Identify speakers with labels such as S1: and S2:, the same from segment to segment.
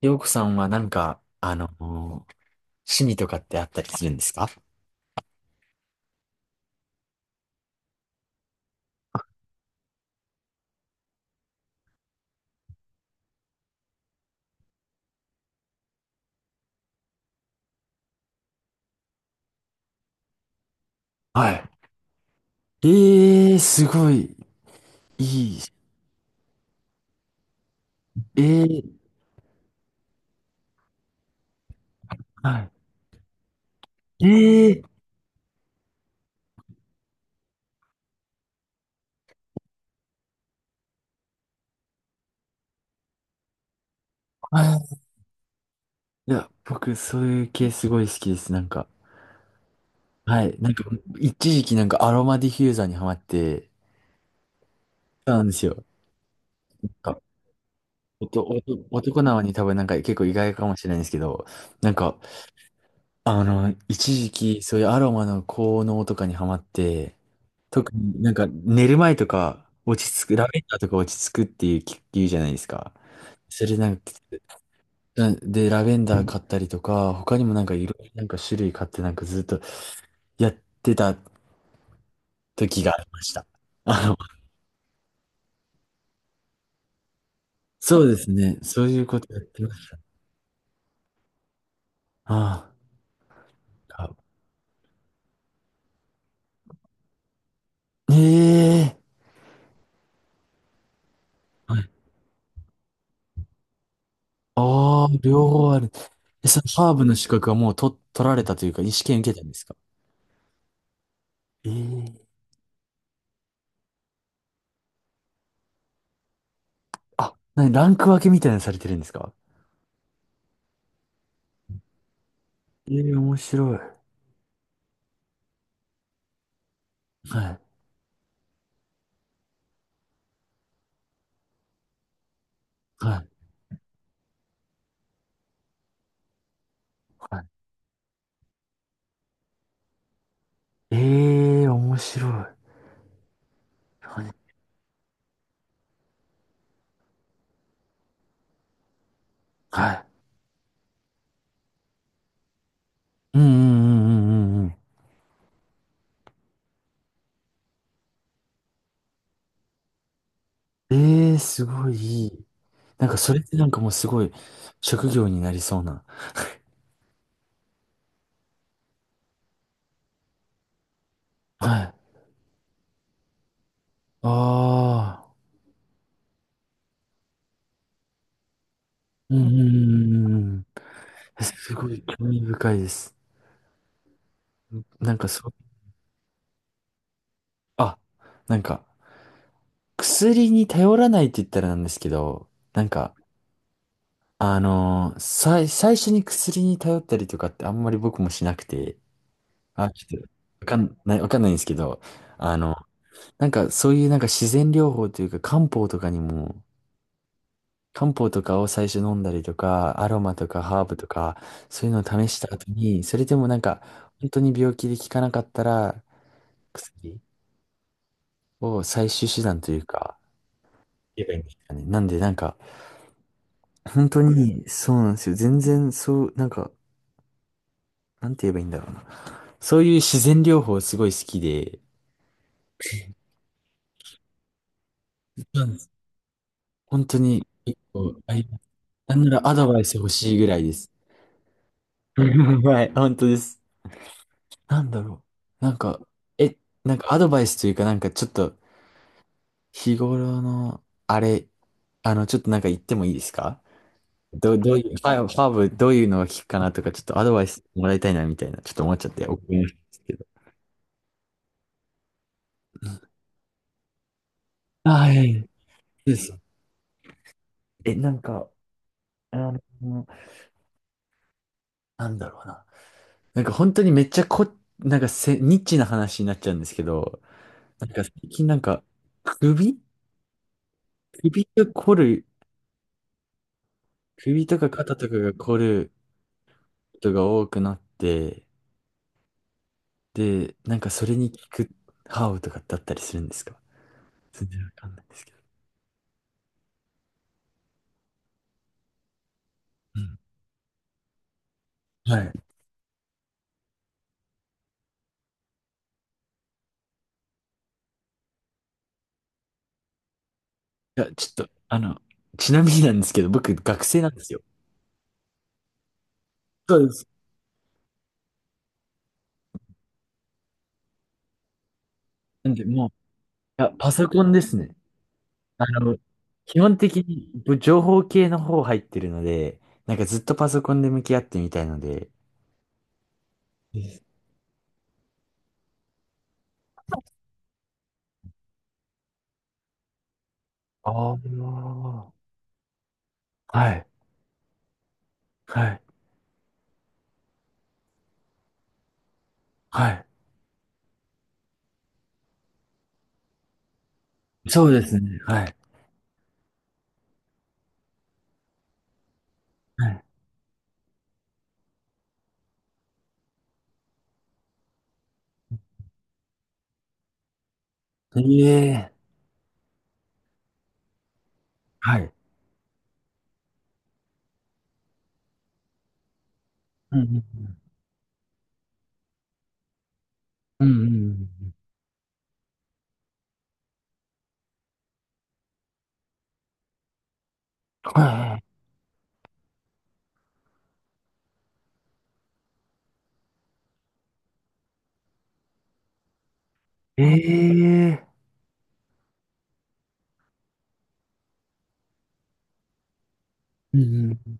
S1: りょうこさんはなんか、趣味とかってあったりするんですか？はい。ええー、すごい、いい。ええー。はい。ええー。はい。いや、僕、そういう系すごい好きです。なんか、はい。なんか、一時期なんかアロマディフューザーにハマって、そうなんですよ。なんかおとおと男なのに多分なんか結構意外かもしれないんですけど、なんか、一時期そういうアロマの効能とかにハマって、特になんか寝る前とか落ち着く、ラベンダーとか落ち着くっていう言うじゃないですか。それなんか、ラベンダー買ったりとか、他にもなんかいろいろなんか種類買ってなんかずっとやってた時がありました。あの、そうですね。そういうことやってました。ああ。ええ。はい。ああ、両方ある。え、そのハーブの資格はもう取られたというか、試験受けたんですか？ええ。あ、なに、ランク分けみたいなのされてるんですか？ええ、面白い。はい。はい。はい。ええ、面白い。はい。はい。うんうんうんうんうんうん。ええ、すごいいい。なんかそれってなんかもうすごい職業になりそうな。はい。ああ。うんうんうんうんうん。すごい興味深いです。なんかそう、あ、なんか薬に頼らないって言ったらなんですけど、なんか、最初に薬に頼ったりとかってあんまり僕もしなくて、あ、ちょっと、わかんないんですけど、あの、なんかそういうなんか自然療法というか漢方とかにも、漢方とかを最初飲んだりとか、アロマとかハーブとか、そういうのを試した後に、それでもなんか、本当に病気で効かなかったら、薬を最終手段というか、言えばいいんですかね。なんでなんか、本当にそうなんですよ。全然そう、なんか、なんて言えばいいんだろうな。そういう自然療法すごい好きで、本当に結構、なんならアドバイス欲しいぐらいです。はい、本当です。なんだろう。なんか、え、なんかアドバイスというか、なんかちょっと日頃の、あれ、ちょっとなんか言ってもいいですか？どういう、ファブ、ファブどういうのを聞くかなとか、ちょっとアドバイスもらいたいなみたいな、ちょっと思っちゃって、お伺いしですけど。はい。そうです。え、なんか、あの、なんだろうな。なんか本当にめっちゃこ、なんかニッチな話になっちゃうんですけど、なんか最近なんか、首首が凝る、首とか肩とかが凝ることが多くなって、で、なんかそれに効くハーブとかってあったりするんですか？全然わかんないんですけど。うん、はい。いや、ちょっと、ちなみになんですけど、僕、学生なんですよ。そうです。なんで、もう、いや、パソコンですね。あの、基本的に情報系の方入ってるので、なんかずっとパソコンで向き合ってみたいので。です。ああ、はい、はい、はい。そうですね。はい。はい。ええ。はい。うんうんうん。うんうんうんうん。はい、ええ、はい。うんうん、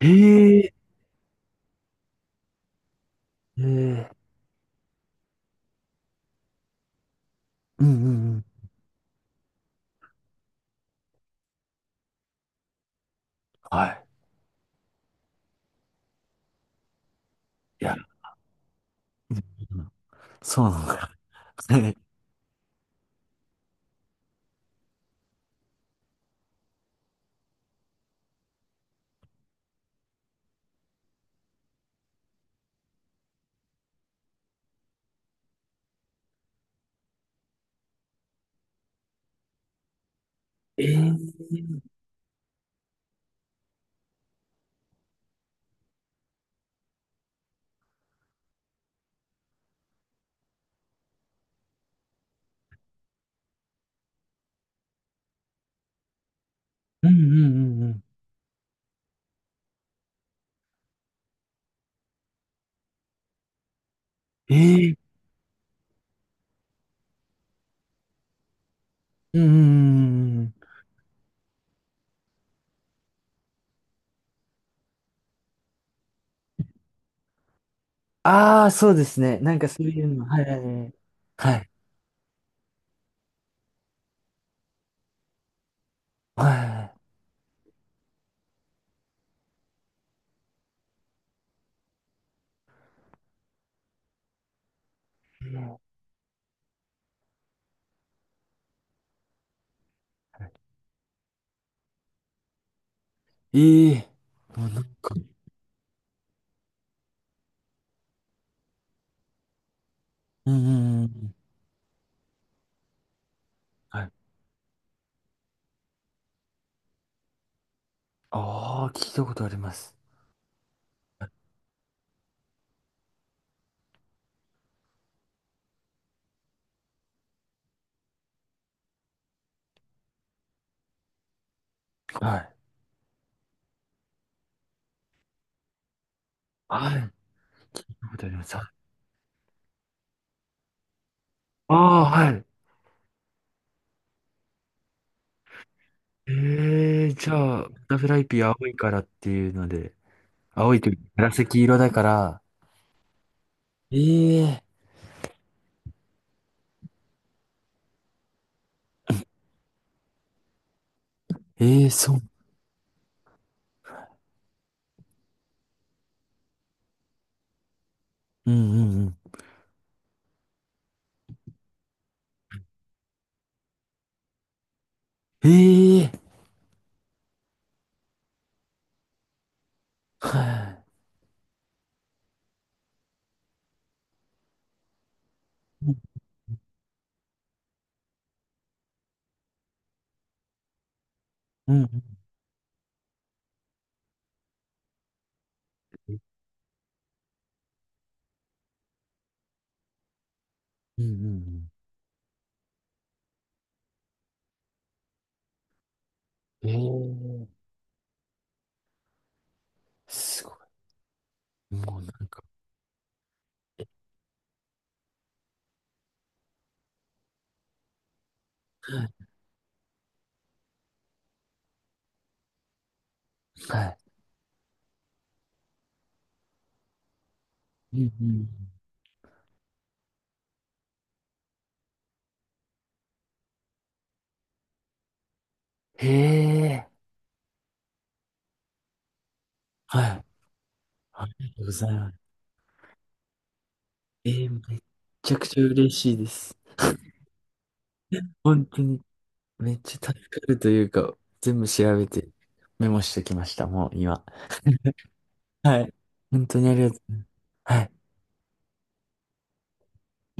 S1: ええ、うん。ええ。うんうんうん。はい。いなや、るほど。そうなのか。ええ、うんうん、え。うんうんうん、はい、いや、そうん。え、ええ、うんうんうんうん、ええ、うんうんうんうん。ああ、そうですね。なんかそういうの。はいはいはい。はい。はい。ええ、もうなんか、うんうんうん。はい。ああ、聞いたことあります。はい。はい。聞いたことあります。ああ、はい。ええ、じゃあ、バタフライピー青いからっていうので、青いというか紫色だから、ええええ、そう。うんうんうん。ええ、はい。うんうんうんうんうん。ええ、すごい。もうなんか、はい。うんうんうん。へえ、はい。ありがとうございます。えー、めっちゃくちゃ嬉しいです。本当にめっちゃ助かるというか、全部調べてメモしてきました、もう今。はい。本当にありがとうございます。はい。